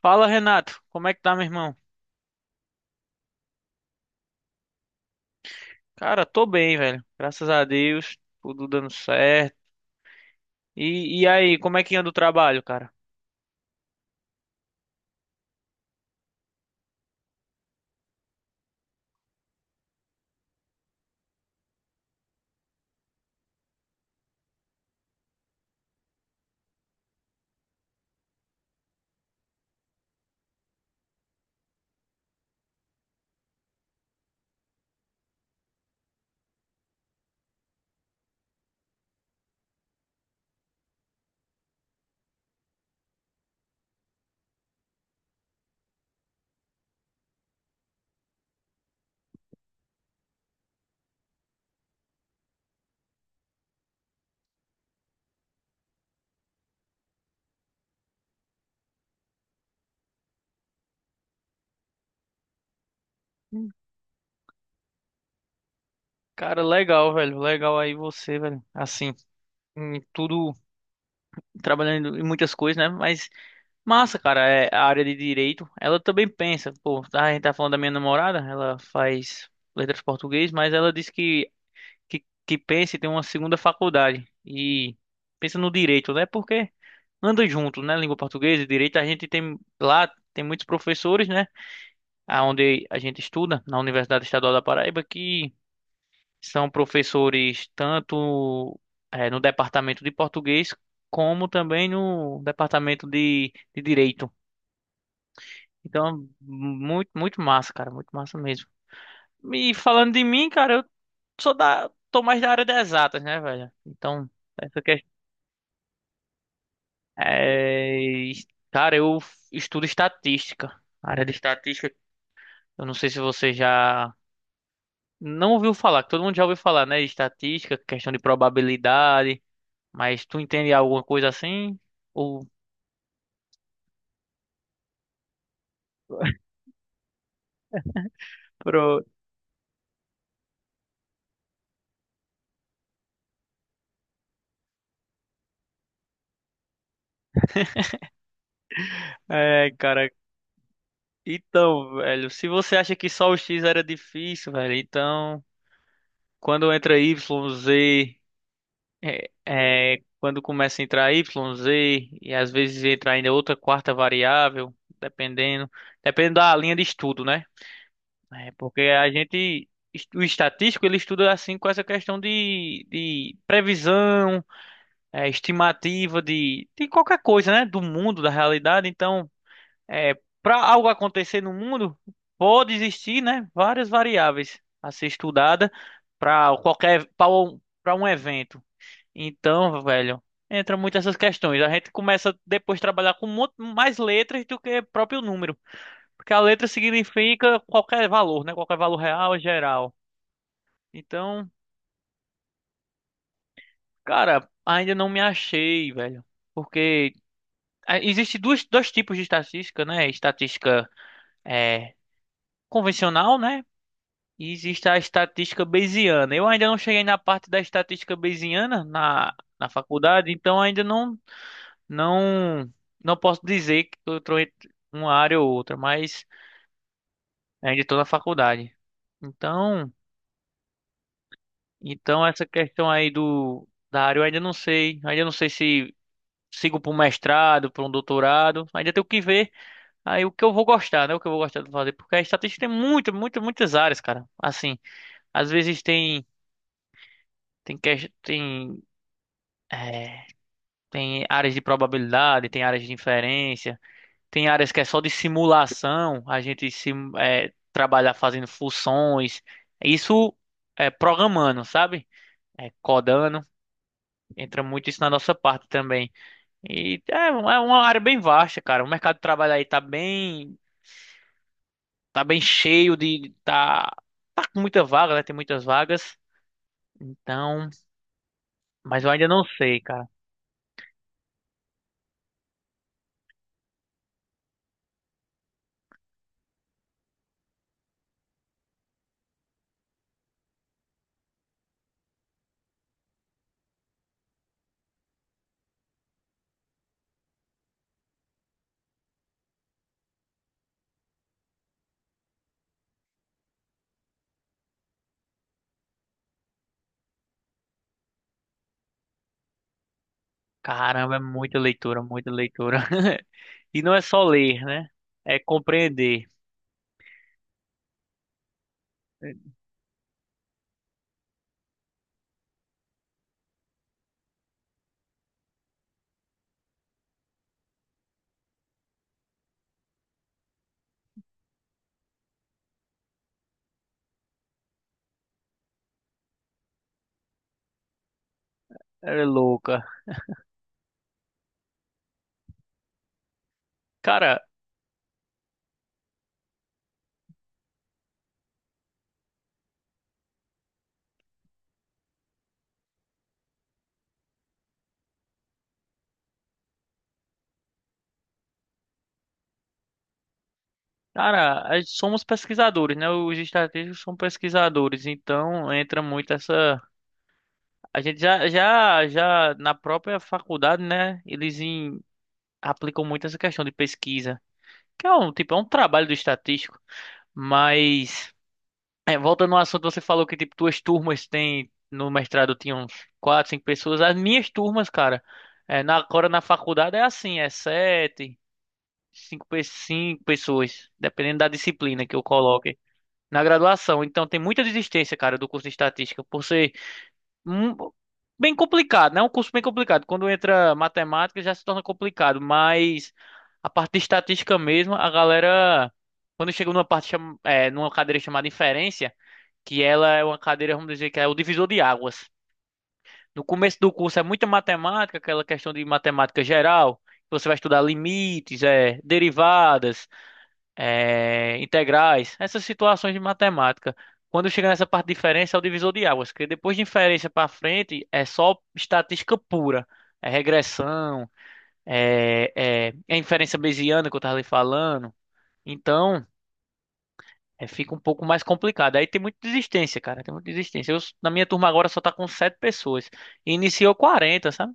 Fala, Renato. Como é que tá, meu irmão? Cara, tô bem, velho. Graças a Deus, tudo dando certo. E aí, como é que anda o trabalho, cara? Hum. Cara, legal, velho. Legal aí você, velho. Assim, em tudo, trabalhando em muitas coisas, né? Mas massa, cara, é a área de direito. Ela também pensa, pô, tá, a gente tá falando da minha namorada, ela faz letras português, mas ela disse que pensa em ter uma segunda faculdade. E pensa no direito, né? Porque anda junto, né? Língua portuguesa e direito, a gente tem lá tem muitos professores, né? Aonde a gente estuda na Universidade Estadual da Paraíba que são professores tanto no departamento de português como também no departamento de direito. Então, muito muito massa, cara, muito massa mesmo. E falando de mim, cara, eu sou da tô mais da área das exatas, né, velho? Então, essa questão é, cara, eu estudo estatística. A área de estatística. Eu não sei se você já não ouviu falar, que todo mundo já ouviu falar, né? Estatística, questão de probabilidade, mas tu entende alguma coisa assim? Ou Pro... É, cara. Então, velho, se você acha que só o X era difícil, velho, então quando entra Y, Z, é, quando começa a entrar Y, Z, e às vezes entra ainda outra quarta variável, dependendo, dependendo da linha de estudo, né? É, porque a gente, o estatístico, ele estuda assim com essa questão de previsão, estimativa de qualquer coisa, né? Do mundo, da realidade. Então, é, para algo acontecer no mundo, pode existir, né? Várias variáveis a ser estudada para qualquer, para um evento. Então, velho, entra muito essas questões. A gente começa depois a trabalhar com muito mais letras do que próprio número. Porque a letra significa qualquer valor, né? Qualquer valor real, geral. Então, cara, ainda não me achei, velho. Porque existe duas, dois tipos de estatística, né? Estatística é, convencional, né? E existe a estatística bayesiana. Eu ainda não cheguei na parte da estatística bayesiana na faculdade, então ainda não, não, não posso dizer que eu estou entre uma área ou outra, mas ainda estou na faculdade. Então. Então essa questão aí do da área eu ainda não sei se sigo para um mestrado, para um doutorado, ainda tenho que ver aí o que eu vou gostar, né? O que eu vou gostar de fazer, porque a estatística tem muito, muito, muitas áreas, cara. Assim, às vezes tem ques- tem é, tem áreas de probabilidade, tem áreas de inferência, tem áreas que é só de simulação, a gente sim, trabalhar fazendo funções, isso é programando, sabe? É, codando, entra muito isso na nossa parte também. É uma área bem vasta, cara. O mercado de trabalho aí tá bem cheio de, tá com muita vaga, né? Tem muitas vagas. Então, mas eu ainda não sei, cara. Caramba, é muita leitura, muita leitura. E não é só ler, né? É compreender. É é louca. Cara, cara, a gente somos pesquisadores, né? Os estratégicos são pesquisadores, então entra muito essa. A gente já na própria faculdade, né? Eles aplicam muito essa questão de pesquisa, que é um tipo, é um trabalho do estatístico, mas voltando ao assunto, você falou que tipo tuas turmas têm no mestrado tinham uns quatro, cinco pessoas, as minhas turmas, cara, agora na faculdade é assim, é sete, cinco, cinco pessoas, dependendo da disciplina que eu coloque. Na graduação, então tem muita desistência, cara, do curso de estatística, por ser hum, bem complicado, né? É um curso bem complicado. Quando entra matemática já se torna complicado, mas a parte de estatística mesmo, a galera, quando chega numa parte, numa cadeira chamada inferência, que ela é uma cadeira, vamos dizer que é o divisor de águas. No começo do curso é muita matemática, aquela questão de matemática geral, que você vai estudar limites, derivadas, integrais, essas situações de matemática. Quando chega nessa parte de diferença, é o divisor de águas, porque depois de inferência para frente é só estatística pura, é regressão, é, é inferência bayesiana que eu estava lhe falando. Então, fica um pouco mais complicado. Aí tem muita desistência, cara, tem muita desistência. Eu, na minha turma agora só tá com sete pessoas. E iniciou 40, sabe?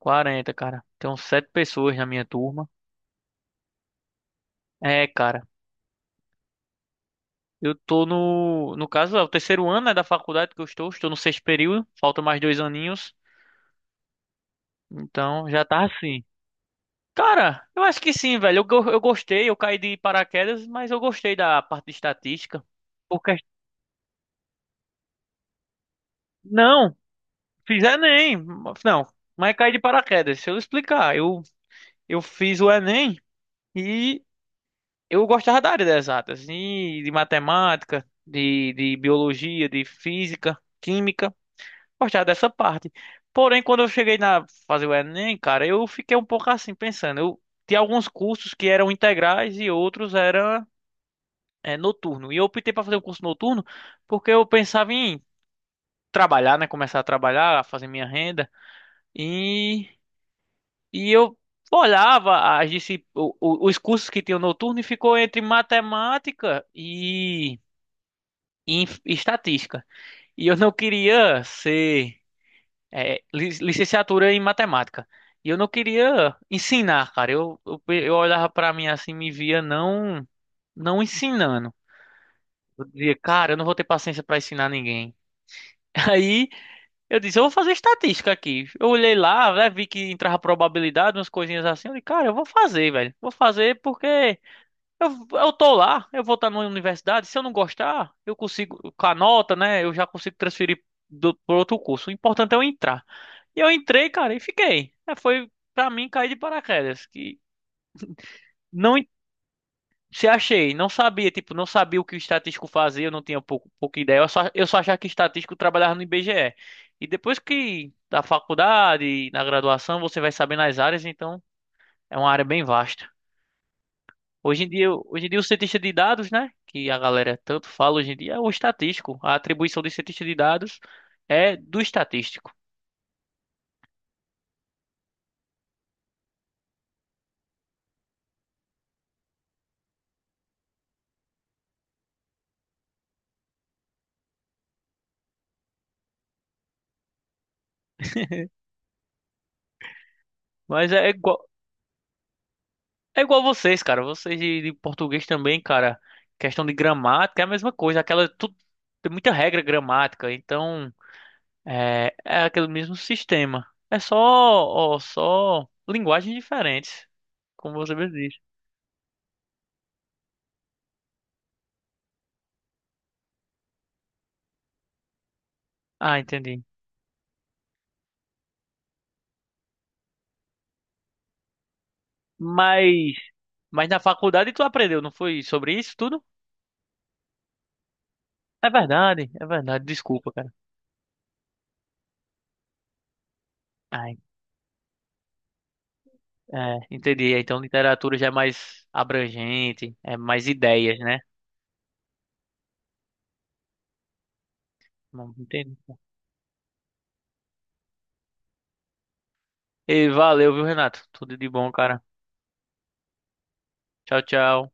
40, cara. Tem uns sete pessoas na minha turma. É, cara. Eu tô no caso, é o terceiro ano, né, da faculdade que eu estou, no sexto período, falta mais dois aninhos, então já tá assim. Cara, eu acho que sim, velho. Eu gostei, eu caí de paraquedas, mas eu gostei da parte de estatística. Porque... Não, fiz Enem, não, mas caí de paraquedas. Deixa eu explicar. Eu fiz o Enem e eu gostava da área das exatas, e de matemática, de biologia, de física, química. Gostar dessa parte. Porém, quando eu cheguei na fazer o Enem, cara, eu fiquei um pouco assim pensando. Eu tinha alguns cursos que eram integrais e outros eram noturno. E eu optei para fazer o curso noturno porque eu pensava em trabalhar, né, começar a trabalhar, fazer minha renda e e eu olhava as disci- o- os cursos que tinham noturno e ficou entre matemática e estatística. E eu não queria ser licenciatura em matemática. E eu não queria ensinar, cara. Eu olhava pra mim assim, me via não não ensinando. Eu dizia, cara, eu não vou ter paciência pra ensinar ninguém. Aí eu disse, eu vou fazer estatística aqui. Eu olhei lá, né, vi que entrava probabilidade, umas coisinhas assim. Eu disse, cara, eu vou fazer, velho. Vou fazer porque eu tô lá, eu vou estar numa universidade. Se eu não gostar, eu consigo, com a nota, né, eu já consigo transferir do, pro outro curso. O importante é eu entrar. E eu entrei, cara, e fiquei. É, foi pra mim cair de paraquedas, que não se achei, não sabia, tipo, não sabia o que o estatístico fazia, eu não tinha pouco, pouca ideia. Eu só achava que estatístico trabalhava no IBGE. E depois que da faculdade, na graduação, você vai saber nas áreas, então é uma área bem vasta. Hoje em dia o cientista de dados, né, que a galera tanto fala hoje em dia, é o estatístico. A atribuição de cientista de dados é do estatístico. Mas é igual vocês, cara. Vocês de português também, cara. Questão de gramática é a mesma coisa. Aquela, tudo, tem muita regra gramática. Então, é aquele mesmo sistema. É só, ó, só linguagens diferentes, como você mesmo disse. Ah, entendi. Mas, mas na faculdade tu aprendeu, não foi sobre isso tudo? É verdade, é verdade. Desculpa, cara. Ai, entendi. Então literatura já é mais abrangente, é mais ideias, né? Não entendi. E valeu, viu, Renato? Tudo de bom, cara. Tchau, tchau.